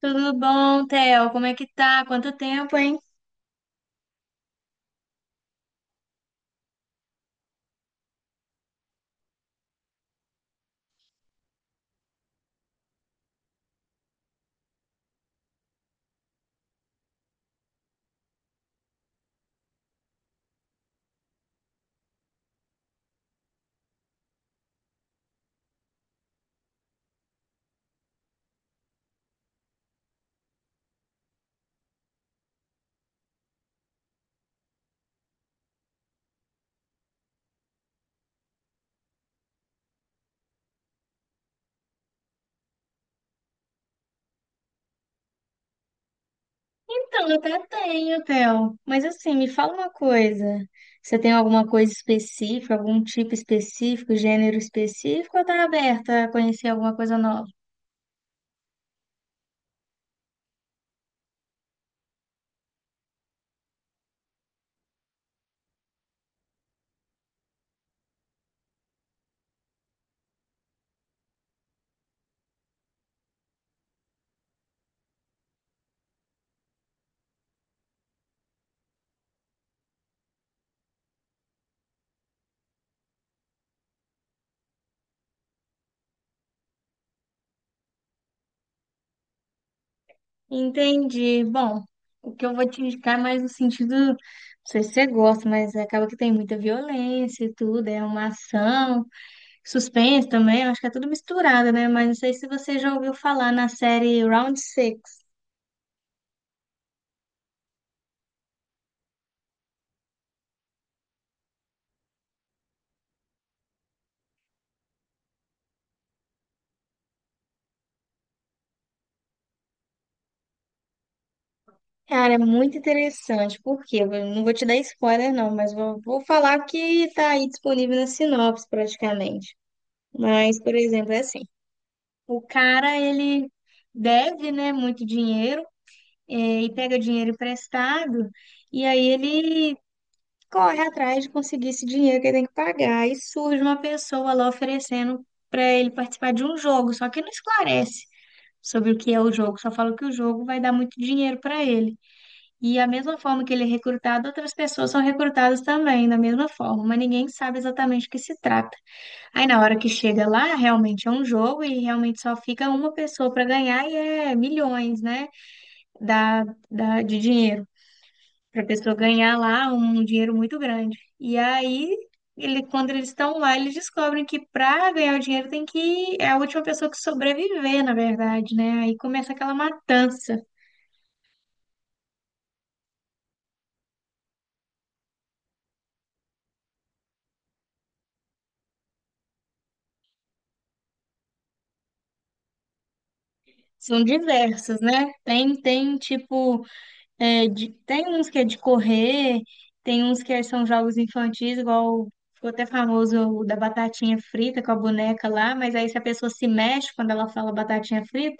Tudo bom, Theo? Como é que tá? Quanto tempo, hein? Então, eu até tenho, Theo. Mas assim, me fala uma coisa. Você tem alguma coisa específica, algum tipo específico, gênero específico, ou tá aberta a conhecer alguma coisa nova? Entendi. Bom, o que eu vou te indicar é mais no sentido, não sei se você gosta, mas acaba que tem muita violência e tudo, é uma ação, suspense também, acho que é tudo misturado, né? Mas não sei se você já ouviu falar na série Round Six. Cara, é muito interessante, porque eu não vou te dar spoiler, não, mas vou falar que está aí disponível na sinopse praticamente. Mas, por exemplo, é assim: o cara ele deve, né, muito dinheiro e pega dinheiro emprestado, e aí ele corre atrás de conseguir esse dinheiro que ele tem que pagar. E surge uma pessoa lá oferecendo para ele participar de um jogo, só que não esclarece sobre o que é o jogo, só fala que o jogo vai dar muito dinheiro para ele. E a mesma forma que ele é recrutado, outras pessoas são recrutadas também, da mesma forma, mas ninguém sabe exatamente o que se trata. Aí na hora que chega lá, realmente é um jogo e realmente só fica uma pessoa para ganhar e é milhões, né, da, de dinheiro. Para a pessoa ganhar lá um dinheiro muito grande. E aí, ele, quando eles estão lá, eles descobrem que para ganhar o dinheiro tem que. É a última pessoa que sobreviver, na verdade, né? Aí começa aquela matança. São diversas, né? Tem tipo. É, tem uns que é de correr, tem uns que é, são jogos infantis, igual ficou até famoso o da batatinha frita com a boneca lá, mas aí se a pessoa se mexe quando ela fala batatinha frita,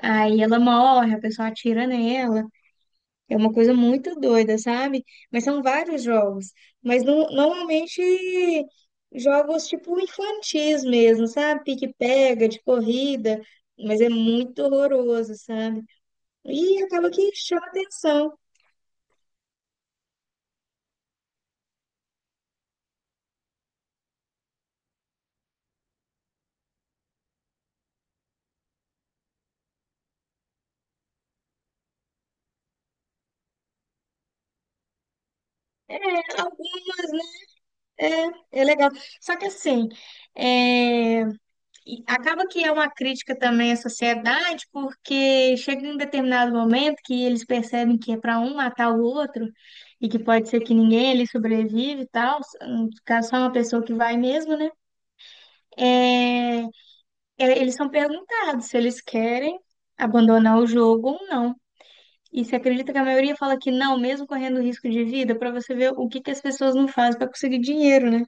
aí ela morre, a pessoa atira nela. É uma coisa muito doida, sabe? Mas são vários jogos. Mas normalmente jogos tipo infantis mesmo, sabe? Pique-pega, de corrida, mas é muito horroroso, sabe? E acaba que chama atenção. Algumas, é, é legal. Só que assim, é, e acaba que é uma crítica também à sociedade, porque chega em um determinado momento que eles percebem que é para um matar o outro, e que pode ser que ninguém ali sobrevive e tal, no caso só uma pessoa que vai mesmo, né? É, eles são perguntados se eles querem abandonar o jogo ou não. E você acredita que a maioria fala que não, mesmo correndo risco de vida, para você ver o que que as pessoas não fazem para conseguir dinheiro, né?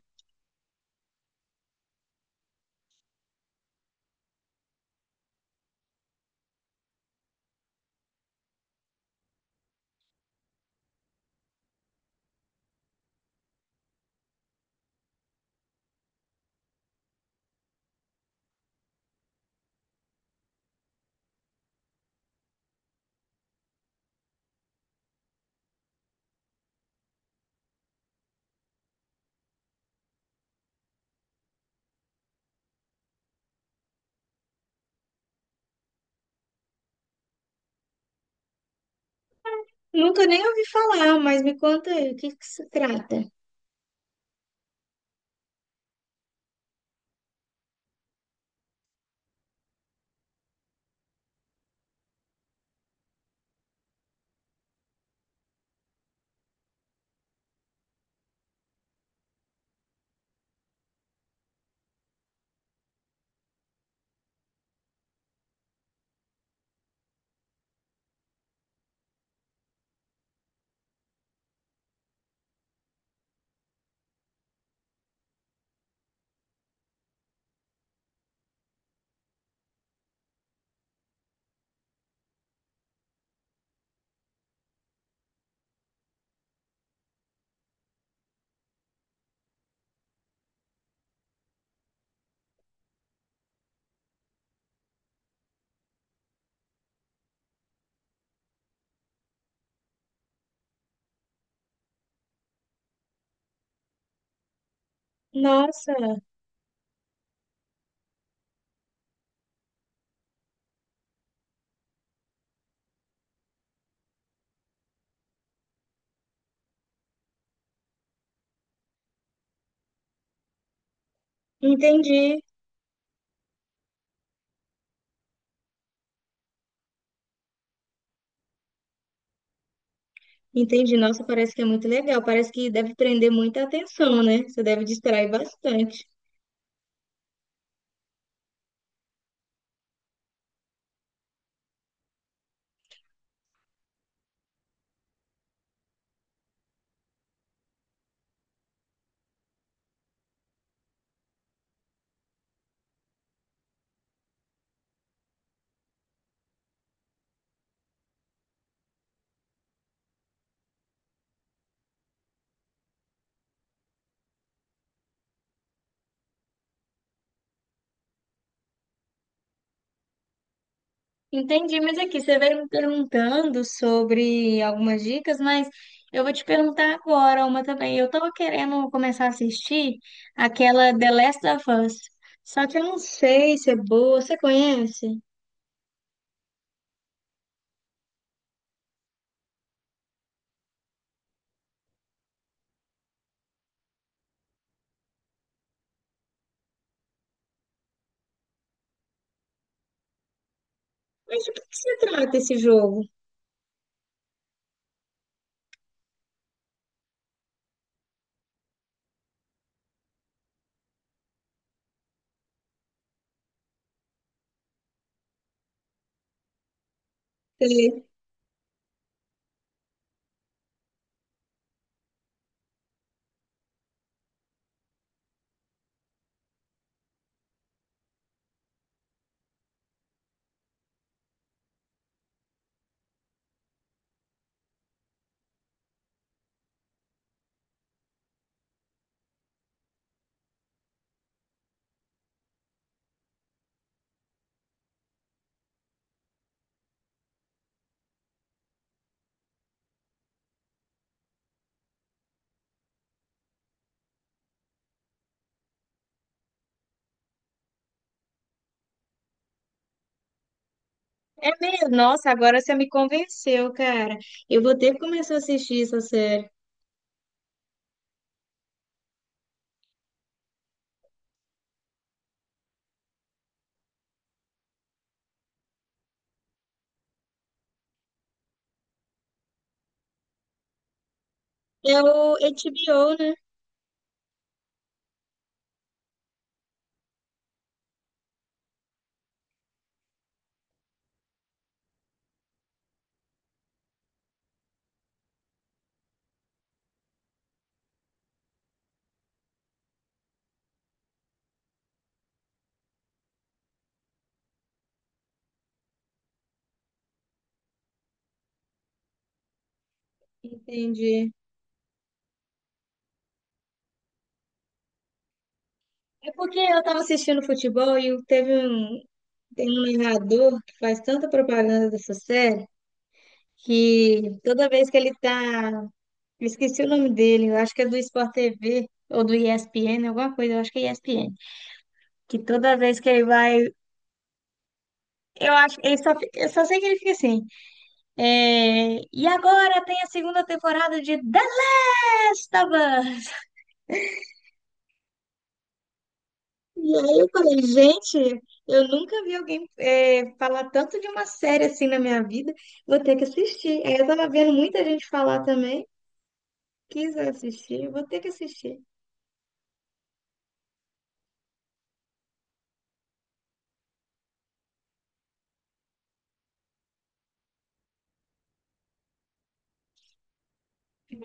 Nunca nem ouvi falar, mas me conta aí, o que que se trata? Nossa, entendi. Entendi. Nossa, parece que é muito legal. Parece que deve prender muita atenção, né? Você deve distrair bastante. Entendi, mas aqui você veio me perguntando sobre algumas dicas, mas eu vou te perguntar agora uma também. Eu tava querendo começar a assistir aquela The Last of Us, só que eu não sei se é boa. Você conhece? Mas de que se trata esse jogo? É mesmo? Nossa, agora você me convenceu, cara. Eu vou ter que começar a assistir essa série. É o HBO, né? Entendi. É porque eu tava assistindo futebol e teve um, tem um narrador que faz tanta propaganda dessa série que toda vez que ele tá. Eu esqueci o nome dele, eu acho que é do Sport TV ou do ESPN, alguma coisa, eu acho que é ESPN. Que toda vez que ele vai. Eu acho. Eu só sei que ele fica assim. É, e agora tem a segunda temporada de The Last of Us. E aí eu falei, gente, eu nunca vi alguém é, falar tanto de uma série assim na minha vida, vou ter que assistir. Aí eu tava vendo muita gente falar também, quis assistir, vou ter que assistir.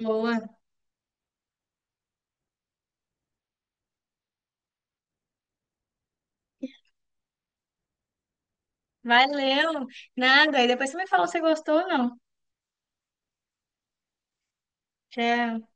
Boa, valeu. Nada, e depois você me fala se gostou ou não. Tchau.